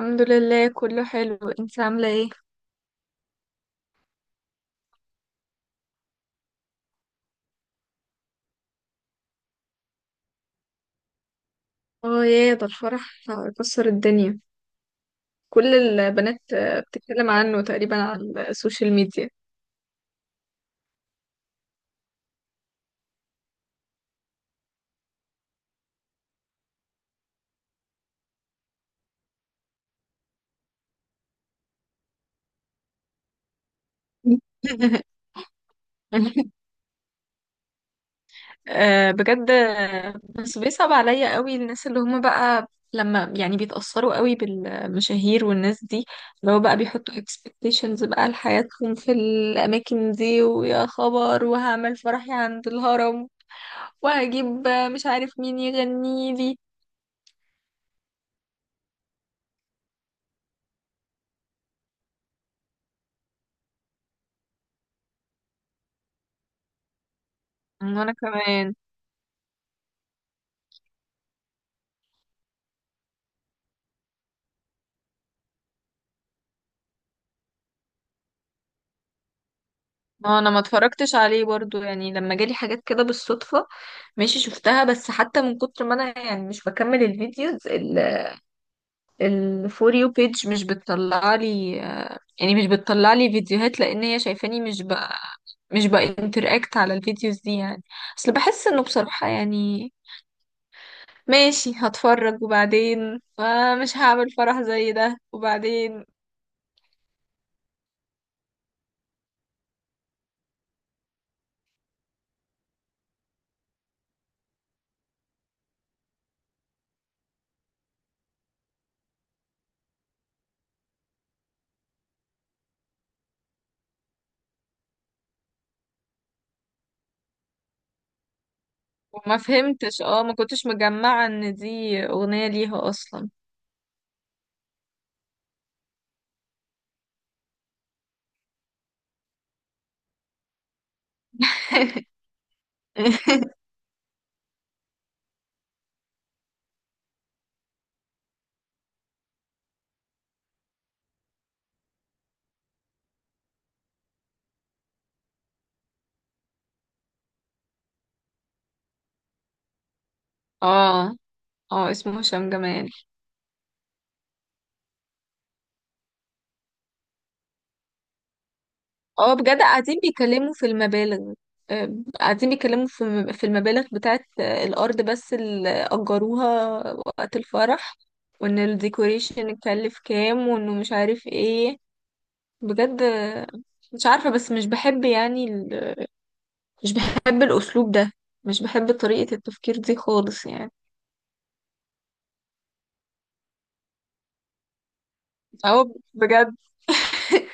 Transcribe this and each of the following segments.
الحمد لله، كله حلو. انت عاملة ايه؟ اه، يا ده الفرح كسر الدنيا. كل البنات بتتكلم عنه تقريبا على السوشيال ميديا. بجد. بس بيصعب عليا قوي الناس اللي هم بقى لما يعني بيتأثروا قوي بالمشاهير والناس دي، اللي هو بقى بيحطوا expectations بقى لحياتهم في الأماكن دي، ويا خبر وهعمل فرحي عند الهرم وهجيب مش عارف مين يغني لي. وانا كمان. اه، انا ما اتفرجتش عليه برضو، يعني لما جالي حاجات كده بالصدفة ماشي شفتها، بس حتى من كتر ما انا يعني مش بكمل الفيديوز، الفور يو بيج مش بتطلع لي، يعني مش بتطلع لي فيديوهات لان هي شايفاني مش بانتراكت على الفيديوز دي يعني. اصل بحس انه بصراحة يعني ماشي هتفرج، وبعدين مش هعمل فرح زي ده وبعدين. وما فهمتش، ما كنتش مجمعة ان دي اغنية ليها اصلا. اه. اه، اسمه هشام جمال. اه، بجد قاعدين بيتكلموا في المبالغ. آه، قاعدين بيتكلموا في المبالغ بتاعت الأرض بس اللي أجروها وقت الفرح، وإن الديكوريشن اتكلف كام وإنه مش عارف ايه. بجد. مش عارفة، بس مش بحب يعني مش بحب الأسلوب ده، مش بحب طريقة التفكير دي خالص يعني. اه، بجد.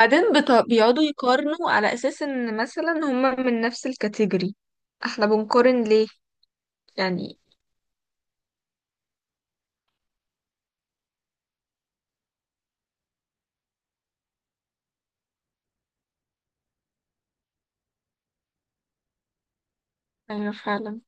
بعدين بيقعدوا يقارنوا على أساس إن مثلا هما من نفس الكاتيجوري. احنا بنقارن ليه يعني؟ أيوة فعلا.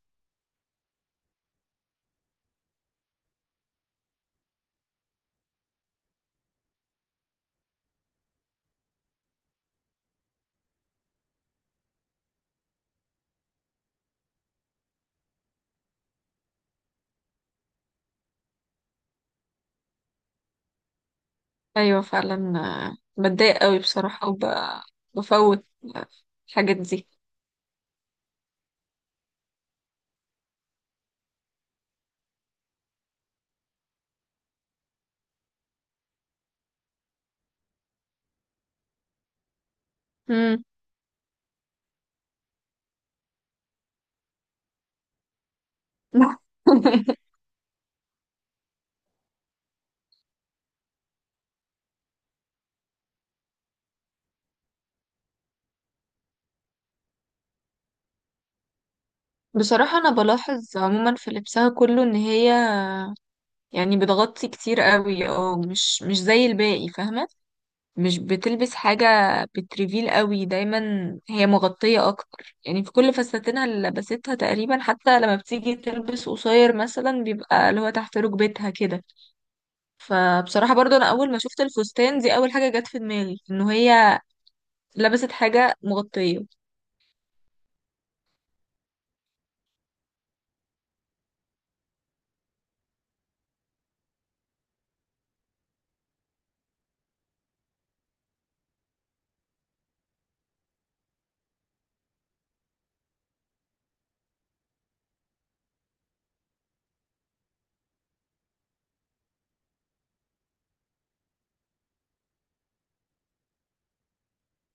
أيوة فعلا. بتضايق قوي بصراحة وبفوت الحاجات دي. مم. بصراحة أنا بلاحظ عموما في لبسها كله إن هي يعني بتغطي كتير قوي، مش زي الباقي، فاهمة؟ مش بتلبس حاجة بتريفيل قوي دايما، هي مغطية اكتر يعني في كل فساتينها اللي لبستها تقريبا. حتى لما بتيجي تلبس قصير مثلا بيبقى اللي هو تحت ركبتها كده، فبصراحة برضو انا اول ما شفت الفستان دي اول حاجة جت في دماغي انه هي لبست حاجة مغطية.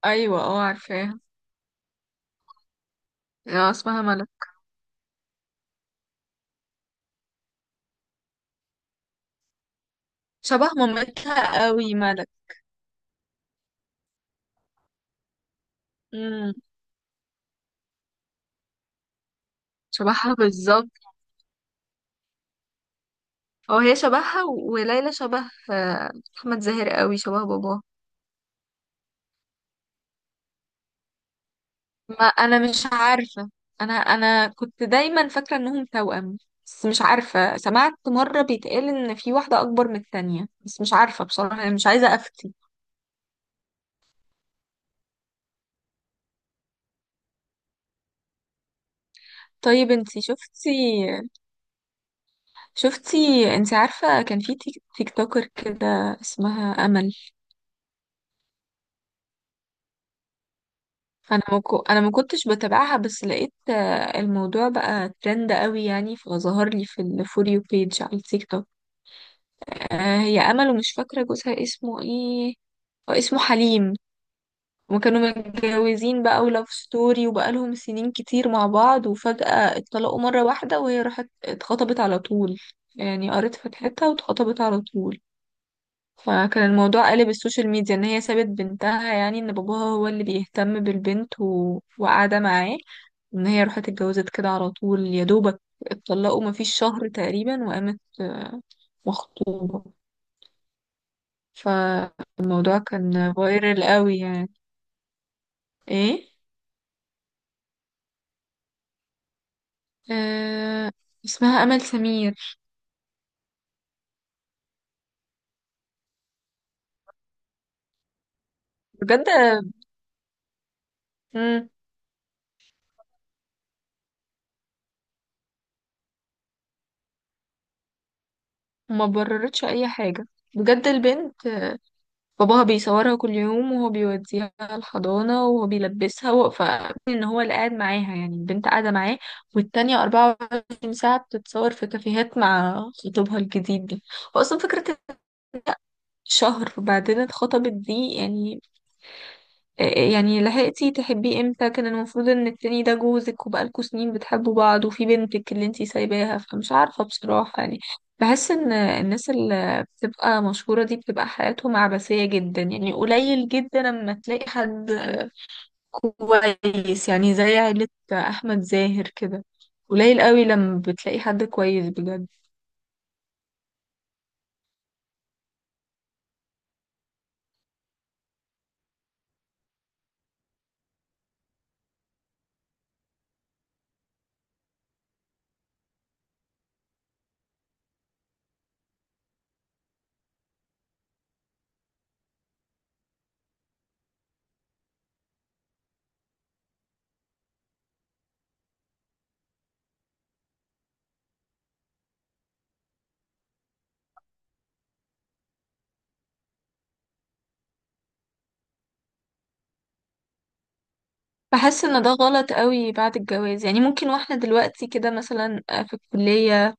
ايوه، اه، عارفاها. اه، اسمها ملك. شبه مامتها قوي ملك. امم. شبهها بالظبط. اه، هي شبهها، وليلى شبه احمد زاهر قوي، شبه باباه. ما انا مش عارفه، انا كنت دايما فاكره انهم توأم، بس مش عارفه سمعت مره بيتقال ان في واحده اكبر من التانية، بس مش عارفه بصراحه، أنا مش عايزه افتي. طيب انتي شفتي؟ شفتي، انتي عارفه كان في تيك توكر كده اسمها امل؟ انا ما كنتش بتابعها، بس لقيت الموضوع بقى ترند قوي يعني، فظهر لي في الفور يو بيج على التيك توك. هي امل ومش فاكره جوزها اسمه ايه، هو اسمه حليم. وكانوا متجوزين بقى ولاف ستوري، وبقالهم سنين كتير مع بعض، وفجأة اتطلقوا مرة واحدة وهي راحت اتخطبت على طول. يعني قريت فتحتها واتخطبت على طول، فكان الموضوع قلب السوشيال ميديا ان هي سابت بنتها، يعني ان باباها هو اللي بيهتم بالبنت وقاعدة معاه، ان هي راحت اتجوزت كده على طول يا دوبك. اتطلقوا مفيش شهر تقريبا وقامت مخطوبة، فالموضوع كان فايرال قوي يعني. ايه. آه، اسمها أمل سمير. بجد. مم. ما بررتش أي حاجة، بجد. البنت باباها بيصورها كل يوم وهو بيوديها الحضانة وهو بيلبسها فإن هو اللي قاعد معاها، يعني البنت قاعدة معاه، والتانية 24 ساعة بتتصور في كافيهات مع خطيبها الجديد دي. وأصلا فكرة إن هي شهر بعدين اتخطبت دي يعني، يعني لحقتي تحبيه امتى؟ كان المفروض ان التاني ده جوزك وبقالكوا سنين بتحبوا بعض وفي بنتك اللي انتي سايباها. فمش عارفة بصراحة يعني، بحس ان الناس اللي بتبقى مشهورة دي بتبقى حياتهم عبثية جدا، يعني قليل جدا لما تلاقي حد كويس، يعني زي عيلة احمد زاهر كده قليل قوي لما بتلاقي حد كويس بجد. بحس ان ده غلط قوي بعد الجواز. يعني ممكن واحنا دلوقتي كده مثلا في الكلية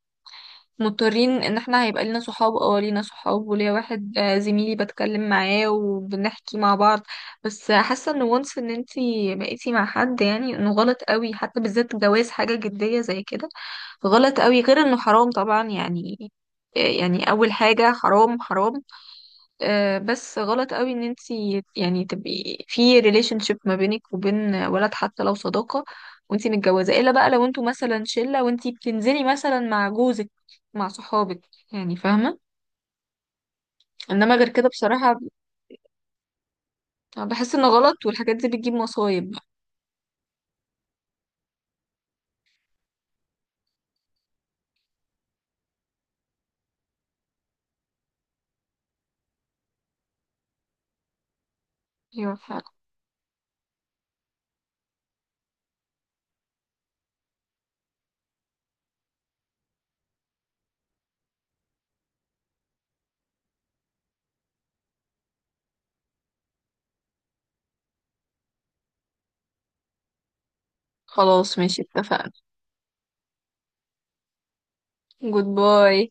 مضطرين ان احنا هيبقى لينا صحاب، وليا واحد زميلي بتكلم معاه وبنحكي مع بعض، بس حاسه ان وانس ان انتي بقيتي مع حد يعني انه غلط قوي، حتى بالذات جواز حاجه جديه زي كده غلط قوي، غير انه حرام طبعا يعني. يعني اول حاجه حرام حرام. بس غلط قوي ان انتي يعني تبقي في ريليشن شيب ما بينك وبين ولد حتى لو صداقة وانتي متجوزة، الا بقى لو انتوا مثلا شلة وانتي بتنزلي مثلا مع جوزك مع صحابك يعني، فاهمة؟ انما غير كده بصراحة بحس انه غلط، والحاجات دي بتجيب مصايب بقى. ايوه فعلا. خلاص ماشي، اتفقنا. جود باي.